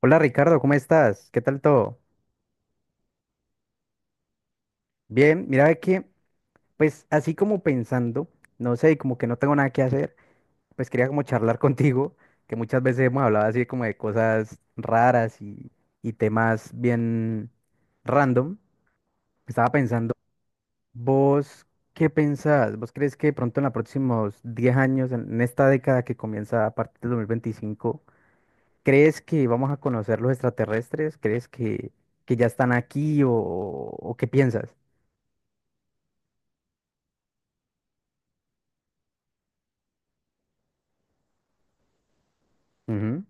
Hola, Ricardo, ¿cómo estás? ¿Qué tal todo? Bien, mira ve que, pues así como pensando, no sé, como que no tengo nada que hacer, pues quería como charlar contigo, que muchas veces hemos hablado así como de cosas raras y temas bien random. Estaba pensando, ¿vos qué pensás? ¿Vos crees que de pronto en los próximos 10 años, en esta década que comienza a partir del 2025, crees que vamos a conocer los extraterrestres? ¿Crees que ya están aquí o qué piensas? Ujú.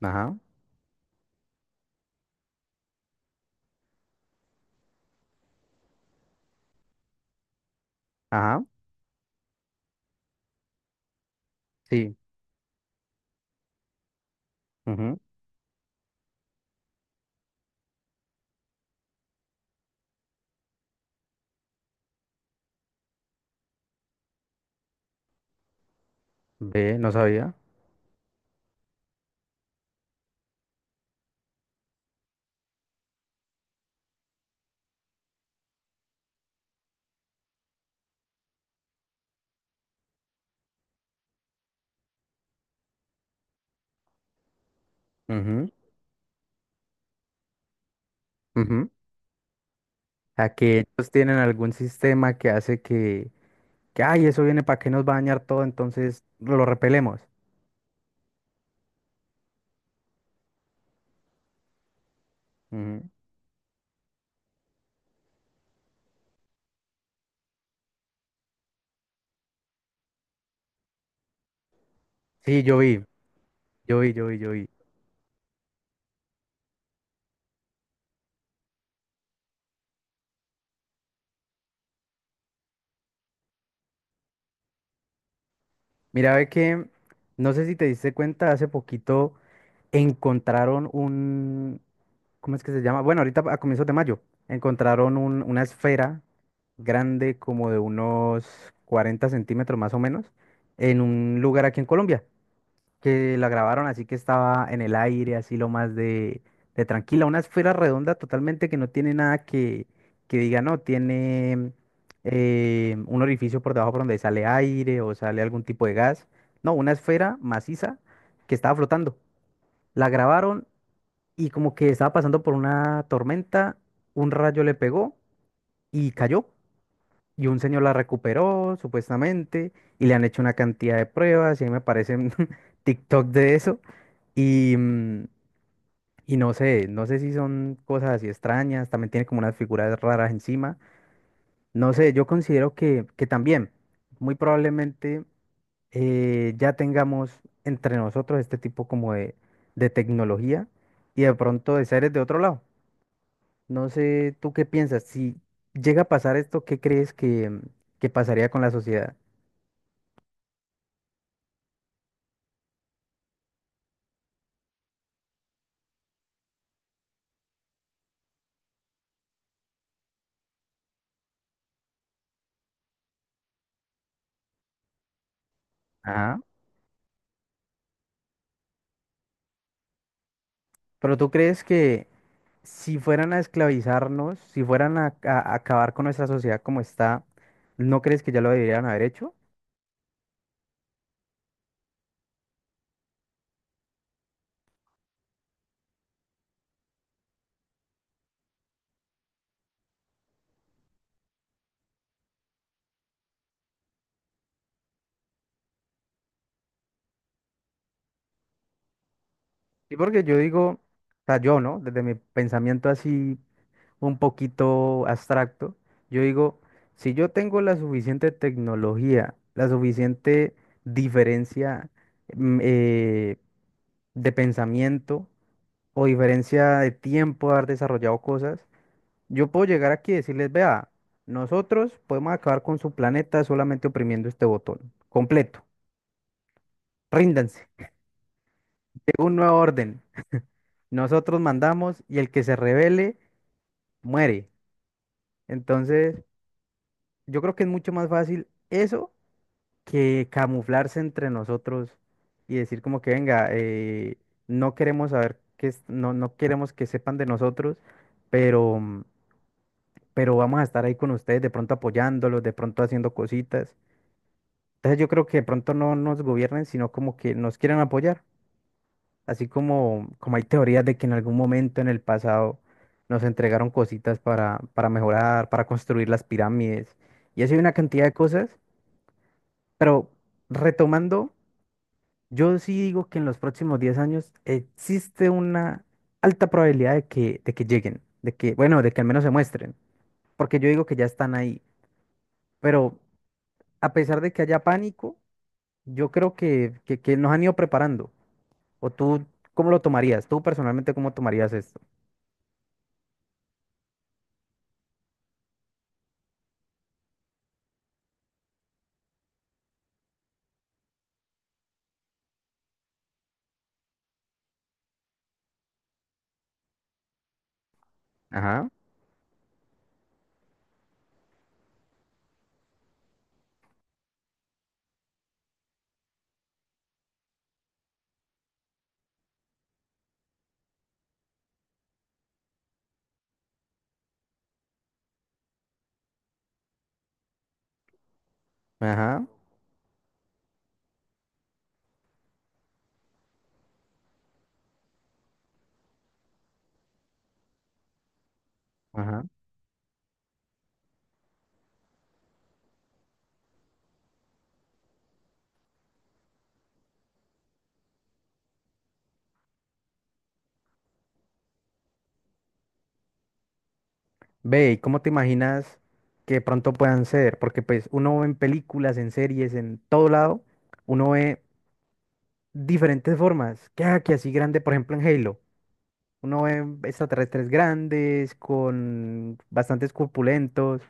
Ajá. Ajá, sí. Ujú. Ve, no sabía. Ujú. Ujú. A que ellos tienen algún sistema que hace que, ay, eso viene para que nos va a dañar todo, entonces lo repelemos. Ujú. Sí, yo vi, yo vi. Mira, ve que, no sé si te diste cuenta, hace poquito encontraron un, ¿cómo es que se llama? Bueno, ahorita a comienzos de mayo, encontraron una esfera grande como de unos 40 centímetros más o menos en un lugar aquí en Colombia, que la grabaron así que estaba en el aire, así lo más de tranquila, una esfera redonda totalmente que no tiene nada que, que diga, no, tiene un orificio por debajo por donde sale aire o sale algún tipo de gas, no, una esfera maciza que estaba flotando. La grabaron y como que estaba pasando por una tormenta, un rayo le pegó y cayó. Y un señor la recuperó, supuestamente, y le han hecho una cantidad de pruebas, y ahí me aparecen TikTok de eso. Y, y no sé, no sé si son cosas así extrañas, también tiene como unas figuras raras encima. No sé, yo considero que también, muy probablemente, ya tengamos entre nosotros este tipo como de tecnología y de pronto de seres de otro lado. No sé, ¿tú qué piensas? Si llega a pasar esto, ¿qué crees que, que pasaría con la sociedad? Ajá. Pero tú crees que si fueran a esclavizarnos, si fueran a, a acabar con nuestra sociedad como está, ¿no crees que ya lo deberían haber hecho? Sí, porque yo digo, o sea, yo, ¿no? Desde mi pensamiento así un poquito abstracto, yo digo, si yo tengo la suficiente tecnología, la suficiente diferencia mm, eh, de pensamiento, o diferencia de tiempo de haber desarrollado cosas, yo puedo llegar aquí y decirles, vea, nosotros podemos acabar con su planeta solamente oprimiendo este botón, completo, ríndanse, llega un nuevo orden, nosotros mandamos y el que se rebele muere. Entonces, yo creo que es mucho más fácil eso que camuflarse entre nosotros y decir como que, venga, no queremos saber que, no, no queremos que sepan de nosotros, pero... mm, pero vamos a estar ahí con ustedes, de pronto apoyándolos, de pronto haciendo cositas. Entonces yo creo que de pronto no nos gobiernen, sino como que nos quieren apoyar. Así como, como hay teorías de que en algún momento en el pasado nos entregaron cositas para mejorar, para construir las pirámides. Y así hay una cantidad de cosas. Pero retomando, yo sí digo que en los próximos 10 años existe una alta probabilidad de que lleguen, de que, bueno, de que al menos se muestren. Porque yo digo que ya están ahí. Pero a pesar de que haya pánico, yo creo que nos han ido preparando. ¿O tú cómo lo tomarías? ¿Tú personalmente cómo tomarías esto? Ajá. Ajá. Ajá. Ve, ¿y cómo te imaginas que de pronto puedan ser? Porque pues uno ve en películas, en series, en todo lado, uno ve diferentes formas. ¿Qué que así grande, por ejemplo, en Halo? Uno ve extraterrestres grandes, con bastantes corpulentos.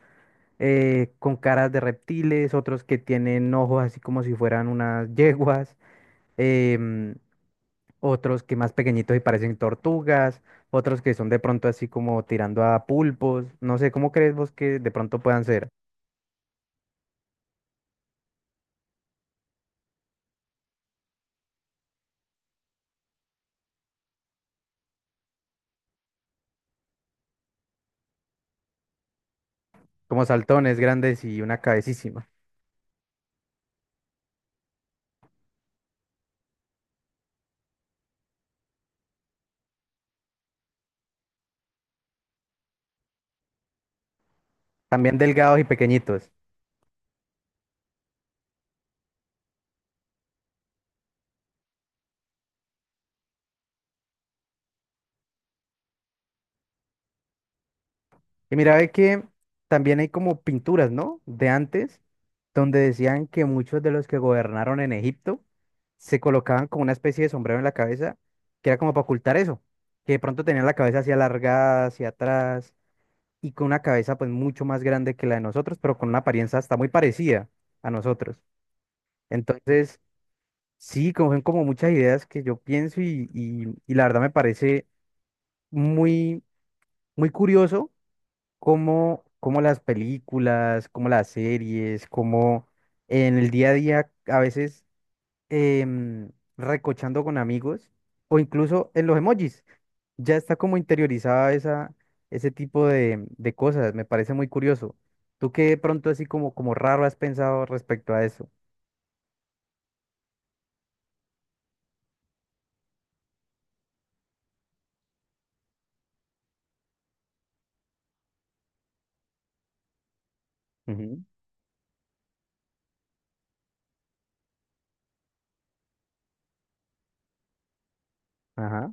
Con caras de reptiles, otros que tienen ojos así como si fueran unas yeguas, em, otros que más pequeñitos y parecen tortugas, otros que son de pronto así como tirando a pulpos, no sé, ¿cómo crees vos que de pronto puedan ser? Como saltones grandes y una cabecísima. También delgados y pequeñitos. Y mira, ve que también hay como pinturas, ¿no? De antes, donde decían que muchos de los que gobernaron en Egipto se colocaban como una especie de sombrero en la cabeza, que era como para ocultar eso, que de pronto tenían la cabeza así alargada, hacia atrás, y con una cabeza pues mucho más grande que la de nosotros, pero con una apariencia hasta muy parecida a nosotros. Entonces, sí, como son como muchas ideas que yo pienso y la verdad me parece muy, muy curioso cómo, cómo las películas, cómo las series, cómo en el día a día, a veces em, recochando con amigos o incluso en los emojis, ya está como interiorizada esa, ese tipo de cosas. Me parece muy curioso. ¿Tú qué de pronto así como, como raro has pensado respecto a eso? Ujú. Ajá.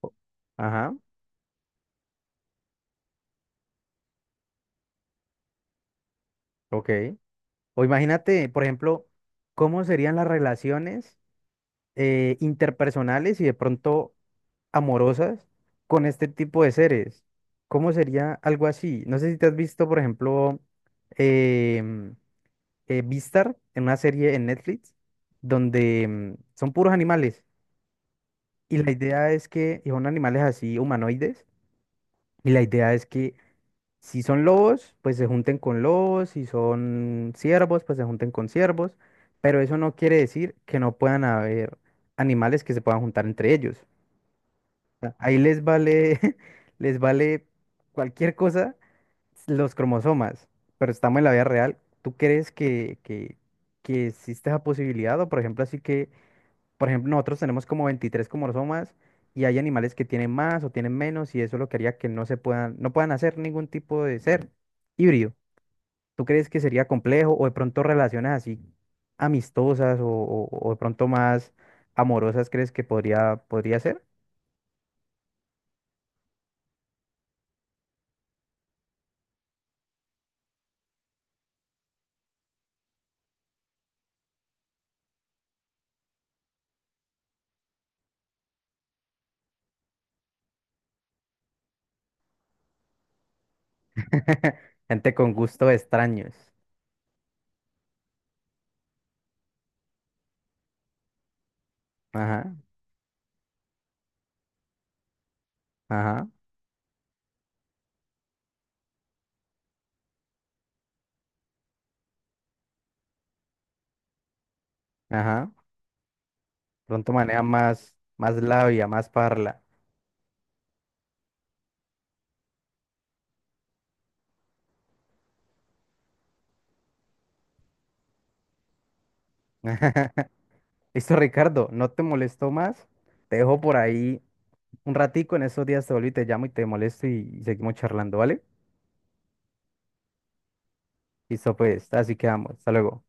o- Ajá. Ok. O imagínate, por ejemplo, cómo serían las relaciones interpersonales y de pronto amorosas con este tipo de seres. ¿Cómo sería algo así? No sé si te has visto, por ejemplo, em, Beastar, en una serie en Netflix donde son puros animales y la idea es que y son animales así humanoides y la idea es que si son lobos, pues se junten con lobos, si son ciervos, pues se junten con ciervos, pero eso no quiere decir que no puedan haber animales que se puedan juntar entre ellos. Sea, ahí les vale, les vale cualquier cosa los cromosomas, pero estamos en la vida real. ¿Tú crees que existe esa posibilidad? O por ejemplo, así que, por ejemplo, nosotros tenemos como 23 cromosomas y hay animales que tienen más o tienen menos y eso lo que haría que no se puedan, no puedan hacer ningún tipo de ser híbrido. ¿Tú crees que sería complejo o de pronto relaciones así amistosas o, o de pronto más amorosas crees que podría, podría ser? Gente con gustos extraños. Ajá. Ajá. Ajá. Pronto maneja más, más labia, más parla. Listo, Ricardo, no te molesto más. Te dejo por ahí un ratico. En esos días te vuelvo y te llamo y te molesto y seguimos charlando, ¿vale? Listo, pues, así quedamos. Hasta luego.